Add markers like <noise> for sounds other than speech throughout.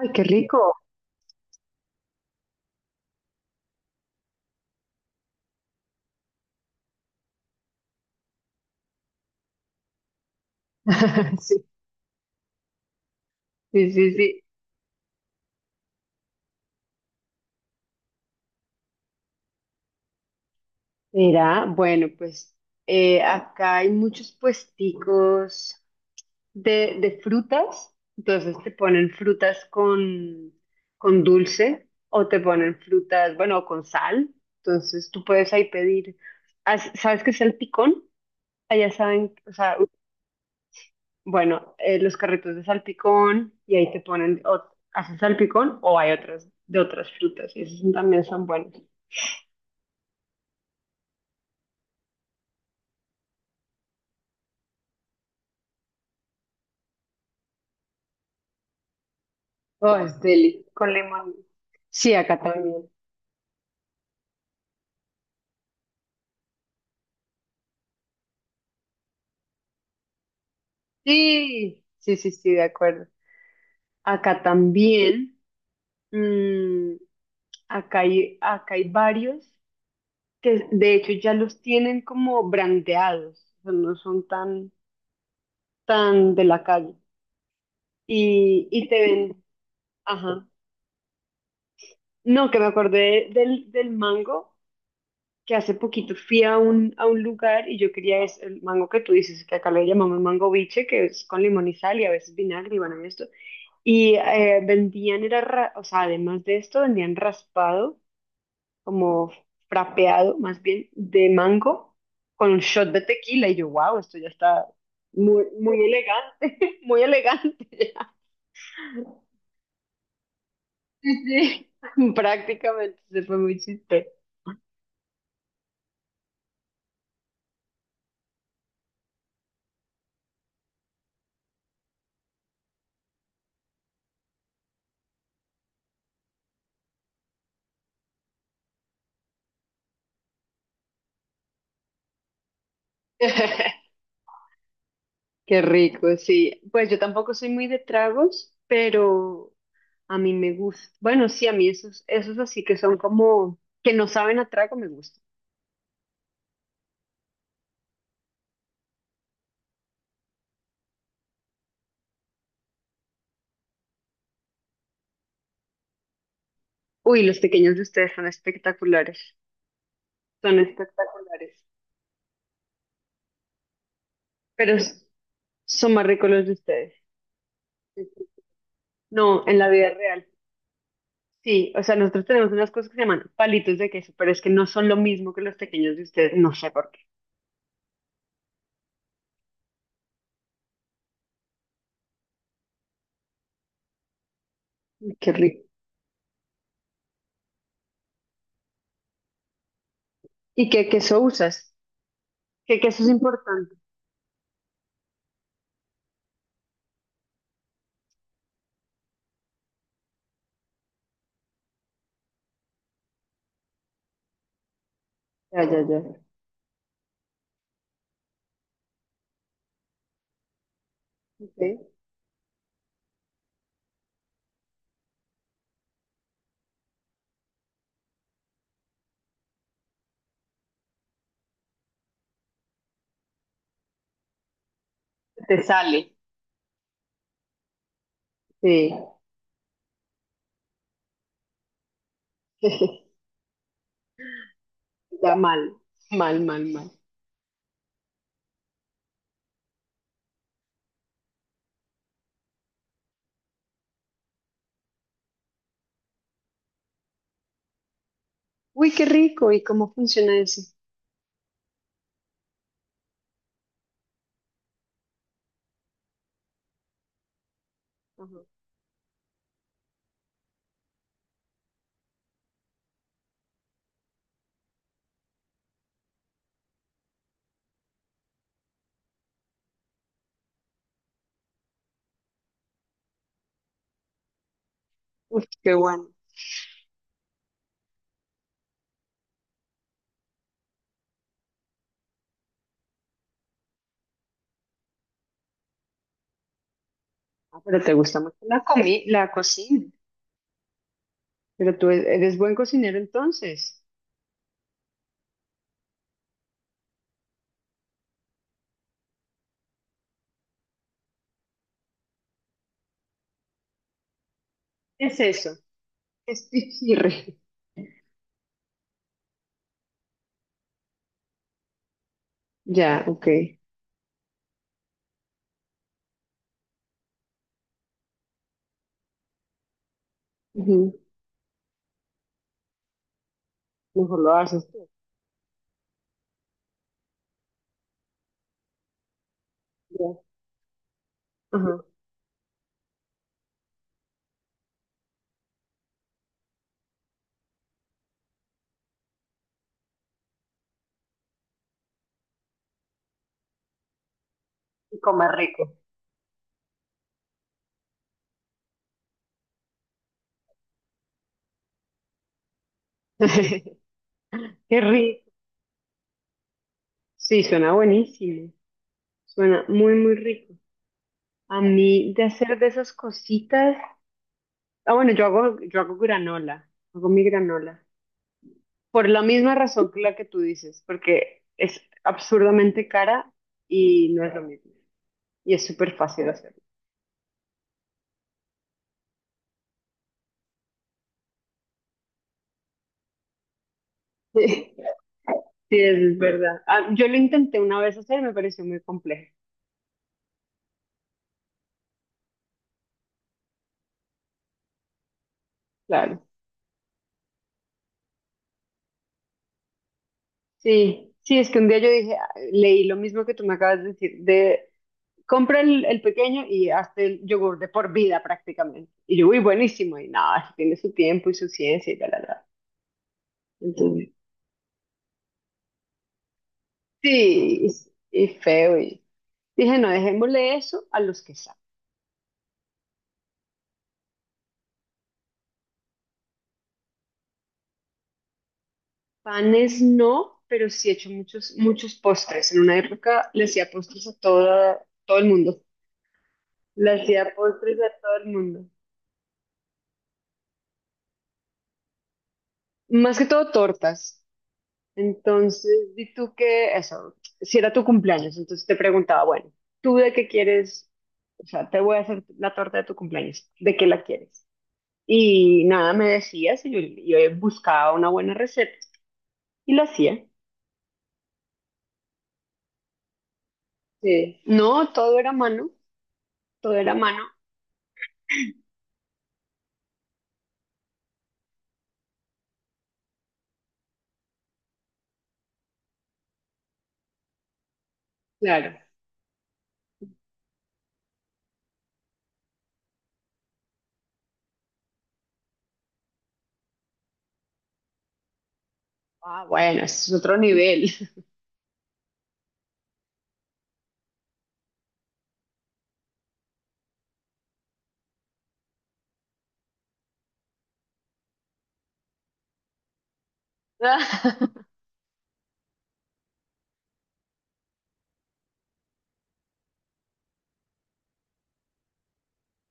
Ay, qué rico. <laughs> Sí, sí, sí, sí. Mira, bueno, pues acá hay muchos puesticos de frutas. Entonces te ponen frutas con dulce o te ponen frutas, bueno, con sal. Entonces tú puedes ahí pedir. ¿Sabes qué es salpicón? Allá saben, o sea, bueno, los carritos de salpicón y ahí te ponen, o haces salpicón o hay otras de otras frutas y esos también son buenos. Oh, es deli, con limón. Sí, acá también. Sí, sí, sí, sí, de acuerdo. Acá también, mm, acá hay varios que de hecho ya los tienen como brandeados, o sea, no son tan, tan de la calle. Y, y te ven, ajá. No, que me acordé del mango, que hace poquito fui a a un lugar y yo quería es el mango que tú dices, que acá le llamamos mango biche, que es con limón y sal y a veces vinagre y bueno, y esto. Y o sea, además de esto, vendían raspado, como frapeado, más bien, de mango, con un shot de tequila. Y yo, wow, esto ya está muy, muy elegante, <laughs> muy elegante ya. Sí, sí. <laughs> Prácticamente, se fue muy chistoso. <laughs> Qué rico, sí. Pues yo tampoco soy muy de tragos, pero a mí me gusta. Bueno, sí, a mí esos así que son como, que no saben a trago me gustan. Uy, los pequeños de ustedes son espectaculares, son espectaculares, pero s- son más ricos los de ustedes. No, en la vida real. Sí, o sea, nosotros tenemos unas cosas que se llaman palitos de queso, pero es que no son lo mismo que los pequeños de ustedes, no sé por qué. Qué rico. ¿Y qué queso usas? ¿Qué queso es importante? Ya, ya, ya. Ok. Te sale. Sí. <laughs> Ya mal, mal, mal, mal. Uy, qué rico. ¿Y cómo funciona eso? Ajá. Uy, qué bueno. Ah, pero te gusta mucho la comida, la cocina. Pero tú eres buen cocinero entonces. ¿Qué es eso? Es pichirre. <laughs> Ya, ok. Ujú. Mejor lo haces tú. Ya. Ajá. Y comer rico. <laughs> Qué rico. Sí, suena buenísimo. Suena muy, muy rico. A mí de hacer de esas cositas. Ah, bueno, yo hago granola. Hago mi granola. Por la misma razón que la que tú dices, porque es absurdamente cara y no es lo mismo. Y es súper fácil hacerlo. <laughs> Sí, eso es verdad. Ah, yo lo intenté una vez hacer, me pareció muy complejo, claro. Sí, sí, es que un día yo dije, ah, leí lo mismo que tú me acabas de decir, de compra el pequeño y hazte el yogur de por vida prácticamente. Y yo, uy, buenísimo, y nada, eso tiene su tiempo y su ciencia y tal, tal, tal. Entonces, sí, y feo. Y dije, no, dejémosle eso a los que saben. Panes no, pero sí he hecho muchos, muchos postres. En una época le hacía postres a todo, todo el mundo. Le hacía postres a todo el mundo. Más que todo tortas. Entonces, di tú que eso, si era tu cumpleaños, entonces te preguntaba, bueno, ¿tú de qué quieres? O sea, te voy a hacer la torta de tu cumpleaños, ¿de qué la quieres? Y nada, me decías y yo buscaba una buena receta y la hacía. Sí. No, todo era a mano, todo era a mano, claro. Ah, bueno, ese es otro nivel. <laughs>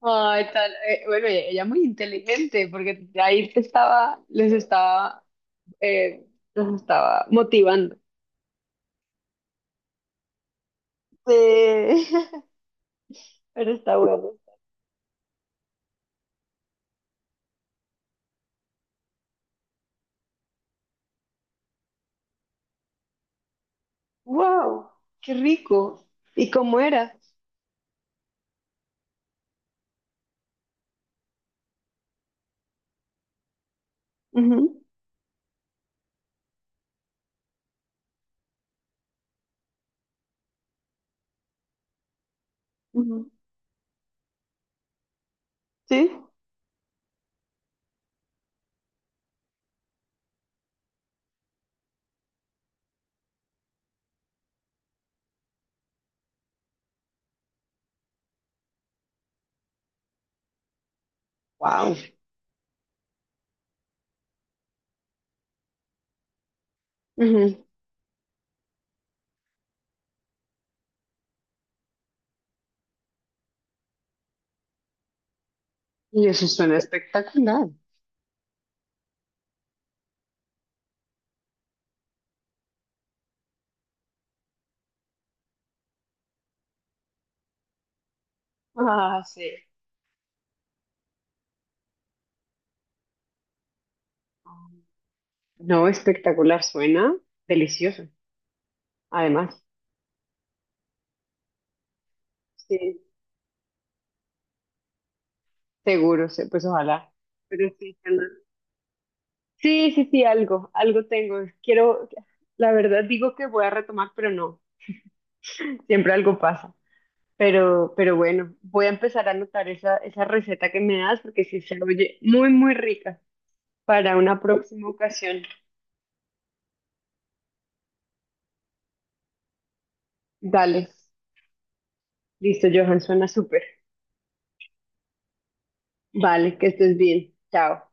Ay, tal, bueno, ella muy inteligente porque ahí te estaba, les estaba, eh, los estaba motivando. Eh, <laughs> pero está bueno. Wow, qué rico. ¿Y cómo era? Ujú, ujú. Sí. Wow. Y eso suena espectacular. Ah, sí. No, espectacular, suena delicioso. Además, sí, seguro, sí, pues ojalá. Pero sí, sí, sí, sí, algo, algo tengo. Quiero, la verdad digo que voy a retomar, pero no, siempre algo pasa. Pero bueno, voy a empezar a anotar esa, esa receta que me das porque sí se oye muy, muy rica para una próxima ocasión. Dale, listo, Johan, suena súper. Vale, que estés bien. Chao.